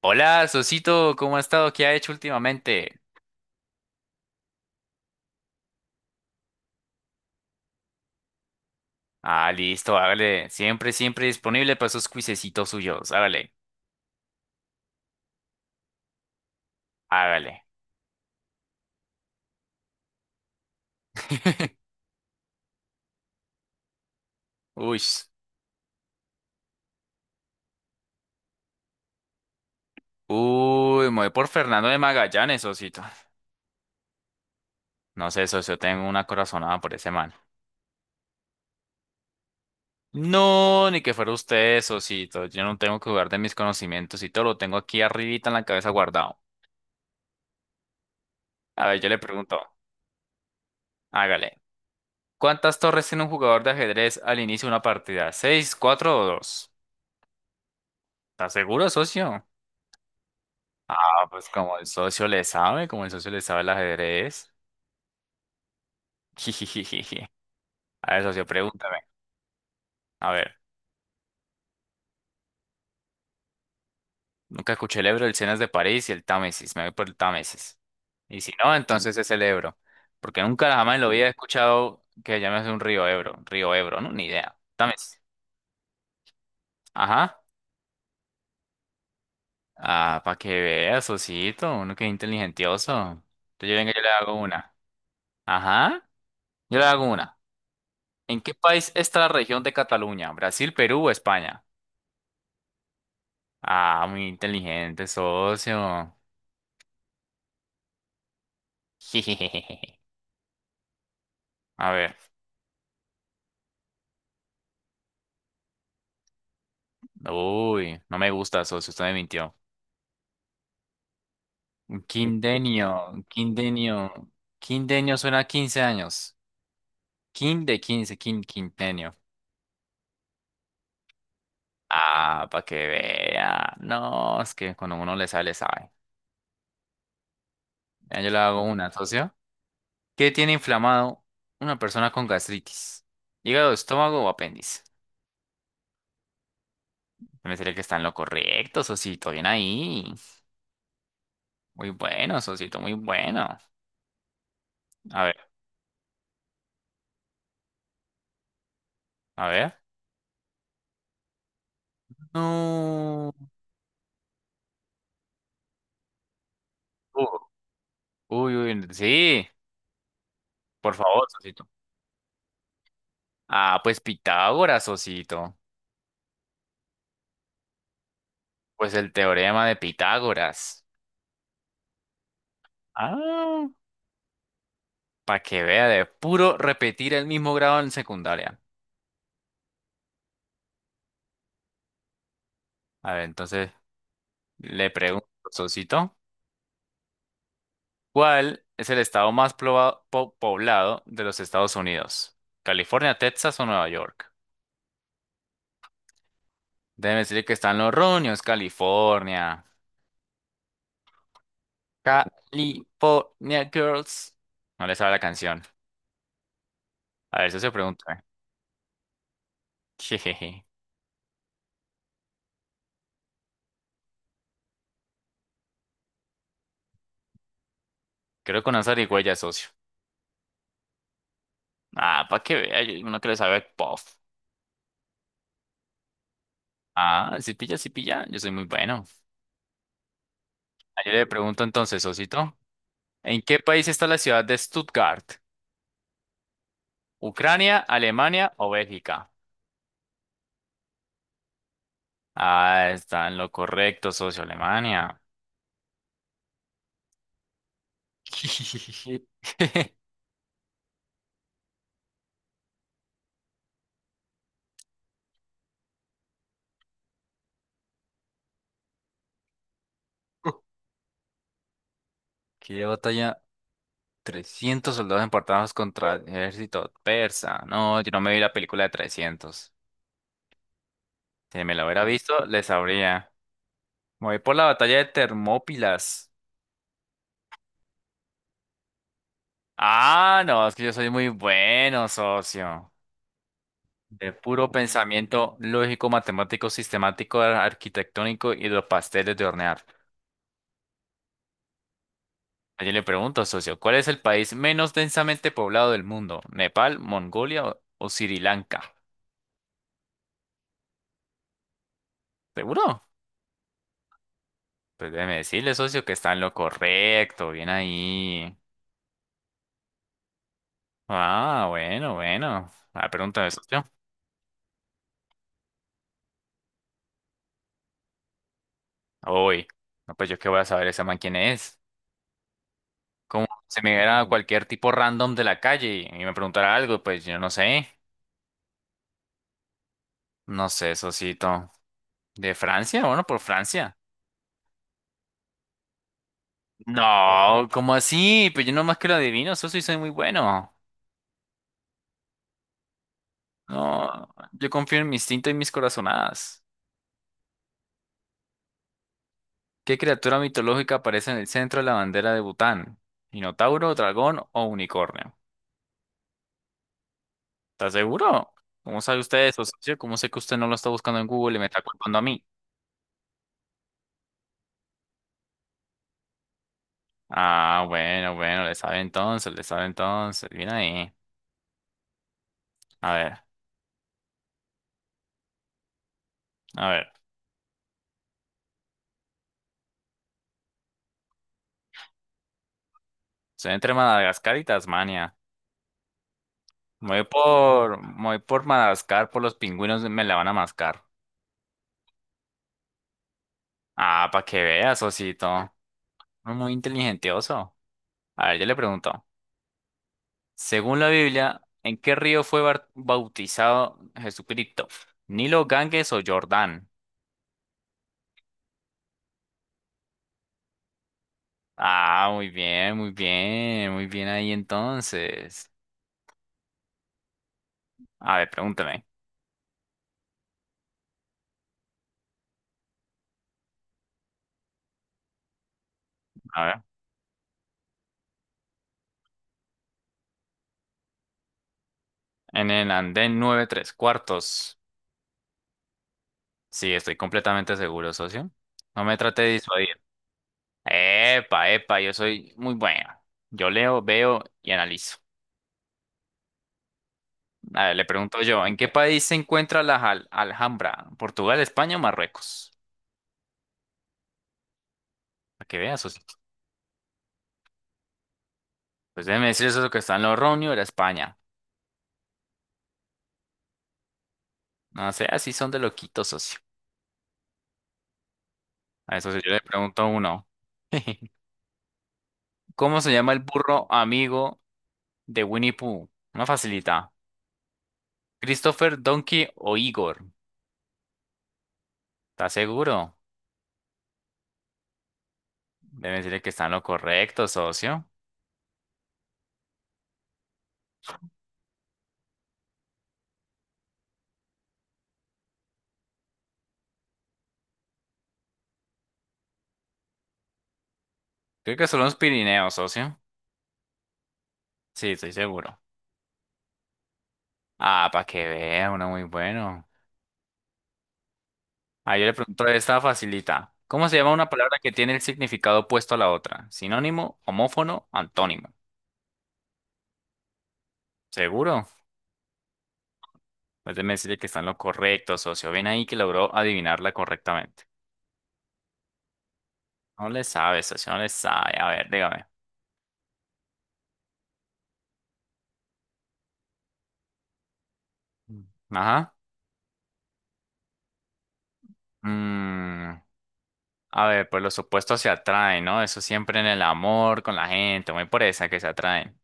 Hola, Sosito, ¿cómo ha estado? ¿Qué ha hecho últimamente? Ah, listo, hágale. Siempre, siempre disponible para esos cuisecitos suyos. Hágale, hágale. Uy, uy, me voy por Fernando de Magallanes, Sosito. No sé, socio, tengo una corazonada por ese man. No, ni que fuera usted, Sosito. Yo no tengo que jugar de mis conocimientos y todo lo tengo aquí arribita en la cabeza guardado. A ver, yo le pregunto, hágale. ¿Cuántas torres tiene un jugador de ajedrez al inicio de una partida? ¿Seis, cuatro o dos? ¿Estás seguro, socio? Ah, pues como el socio le sabe, como el socio le sabe el ajedrez. A ver, socio, pregúntame. A ver, nunca escuché el Ebro, el Sena es de París y el Támesis. Me voy por el Támesis. Y si no, entonces es el Ebro. Porque nunca jamás en la vida he escuchado que llames un río Ebro. Río Ebro, ¿no? Ni idea. Támesis. Ajá. Ah, para que veas, socito. Uno que es inteligentioso. Entonces yo venga, yo le hago una. Ajá. Yo le hago una. ¿En qué país está la región de Cataluña? ¿Brasil, Perú o España? Ah, muy inteligente, socio. A ver. Uy, no me gusta, socio. Usted me mintió. Un Quindenio, un quindenio. Quindenio suena a 15 años. Quin de 15, quin, quintenio. Ah, para que vea. No, es que cuando uno le sale, sabe. Ya yo le hago una, socio. ¿Qué tiene inflamado una persona con gastritis? ¿Hígado, estómago o apéndice? Me sería que está en lo correcto, socito. Bien ahí. Muy bueno, socito, muy bueno. A ver, a ver. No. Uh, uy, uy, sí, por favor, Sosito. Ah, pues Pitágoras, Sosito. Pues el teorema de Pitágoras. Ah, para que vea, de puro repetir el mismo grado en secundaria. A ver, entonces le pregunto, Sosito, ¿cuál es el estado más poblado de los Estados Unidos? ¿California, Texas o Nueva York? Debe decir que están los roños, California. California Girls. No le sabe la canción. A ver, eso se pregunta. Jejeje. Creo que con una zarigüeya, socio. Ah, para que vea, uno que le sabe puff. Ah, si pilla, si pilla, yo soy muy bueno. Ah, yo le pregunto entonces, socito, ¿en qué país está la ciudad de Stuttgart? ¿Ucrania, Alemania o Bélgica? Ah, está en lo correcto, socio, Alemania. ¿Qué batalla 300 soldados importados contra el ejército persa? No, yo no me vi la película de 300. Si me la hubiera visto, les sabría. Me voy por la batalla de Termópilas. Ah, no, es que yo soy muy bueno, socio. De puro pensamiento lógico, matemático, sistemático, arquitectónico y de los pasteles de hornear. Ayer le pregunto, socio, ¿cuál es el país menos densamente poblado del mundo? ¿Nepal, Mongolia o Sri Lanka? ¿Seguro? Pues déjeme decirle, socio, que está en lo correcto, bien ahí. Ah, bueno, bueno, ah, pregunta de socio. Uy, no, pues yo qué voy a saber ese man quién es. Como se me viera cualquier tipo random de la calle y me preguntara algo, pues yo no sé. No sé, socito. ¿De Francia? Bueno, por Francia. No, ¿cómo así? Pues yo nomás que lo adivino, socio, y soy muy bueno. No, yo confío en mi instinto y mis corazonadas. ¿Qué criatura mitológica aparece en el centro de la bandera de Bután? ¿Minotauro, dragón o unicornio? ¿Estás seguro? ¿Cómo sabe usted eso, socio? ¿Cómo sé que usted no lo está buscando en Google y me está culpando a mí? Ah, bueno, bueno, le sabe entonces, le sabe entonces. Bien ahí. A ver, a ver. Estoy entre Madagascar y Tasmania. Me voy por Madagascar, por los pingüinos me la van a mascar. Ah, para que veas, osito, muy inteligentioso. A ver, yo le pregunto. Según la Biblia, ¿en qué río fue bautizado Jesucristo? ¿Nilo, Ganges o Jordán? Ah, muy bien, muy bien, muy bien ahí entonces. A ver, pregúntame. A ver. En el andén nueve tres cuartos. Sí, estoy completamente seguro, socio. No me trate de disuadir. Epa, epa, yo soy muy bueno. Yo leo, veo y analizo. A ver, le pregunto yo, ¿en qué país se encuentra la Alhambra? ¿Portugal, España o Marruecos? Para que veas, socio. Pues déjeme decir eso es lo que está en Logroño, era España. No sé, así son de loquitos, socio. A eso sí, yo le pregunto a uno. ¿Cómo se llama el burro amigo de Winnie Pooh? Una facilita. ¿Christopher, Donkey o Igor? ¿Estás seguro? Debe decirle que está en lo correcto, socio. Creo que son los Pirineos, socio. Sí, estoy seguro. Ah, para que vea, uno muy bueno. Ah, yo le pregunto esta facilita. ¿Cómo se llama una palabra que tiene el significado opuesto a la otra? ¿Sinónimo, homófono, antónimo? ¿Seguro? Pues, déjeme decirle que está en lo correcto, socio. Ven ahí que logró adivinarla correctamente. No le sabe, socio, no le sabe. A ver, dígame. Mm. Ajá. Mm, a ver, pues los opuestos se atraen, ¿no? Eso siempre en el amor, con la gente, muy por esa que se atraen.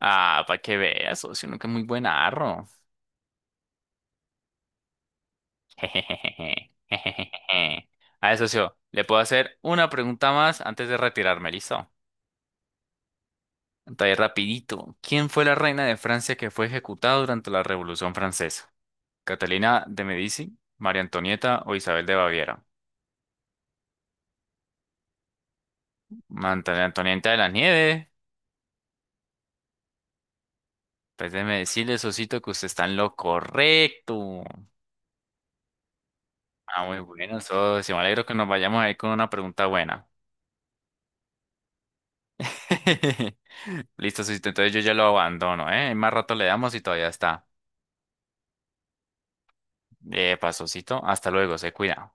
Ah, para que vea, socio, uno que es muy buen arro. Jejejeje, jejejeje. A ver, socio, le puedo hacer una pregunta más antes de retirarme, ¿listo? Entonces, rapidito. ¿Quién fue la reina de Francia que fue ejecutada durante la Revolución Francesa? Catalina de Medici, María Antonieta o Isabel de Baviera. María Antonieta de las Nieves, pues déjeme decirle, sosito, que usted está en lo correcto. Ah, muy bueno, socio. Me alegro que nos vayamos ahí con una pregunta buena. Listo, sosito. Entonces yo ya lo abandono, ¿eh? Más rato le damos y todavía está. Pasosito. Hasta luego, se cuida.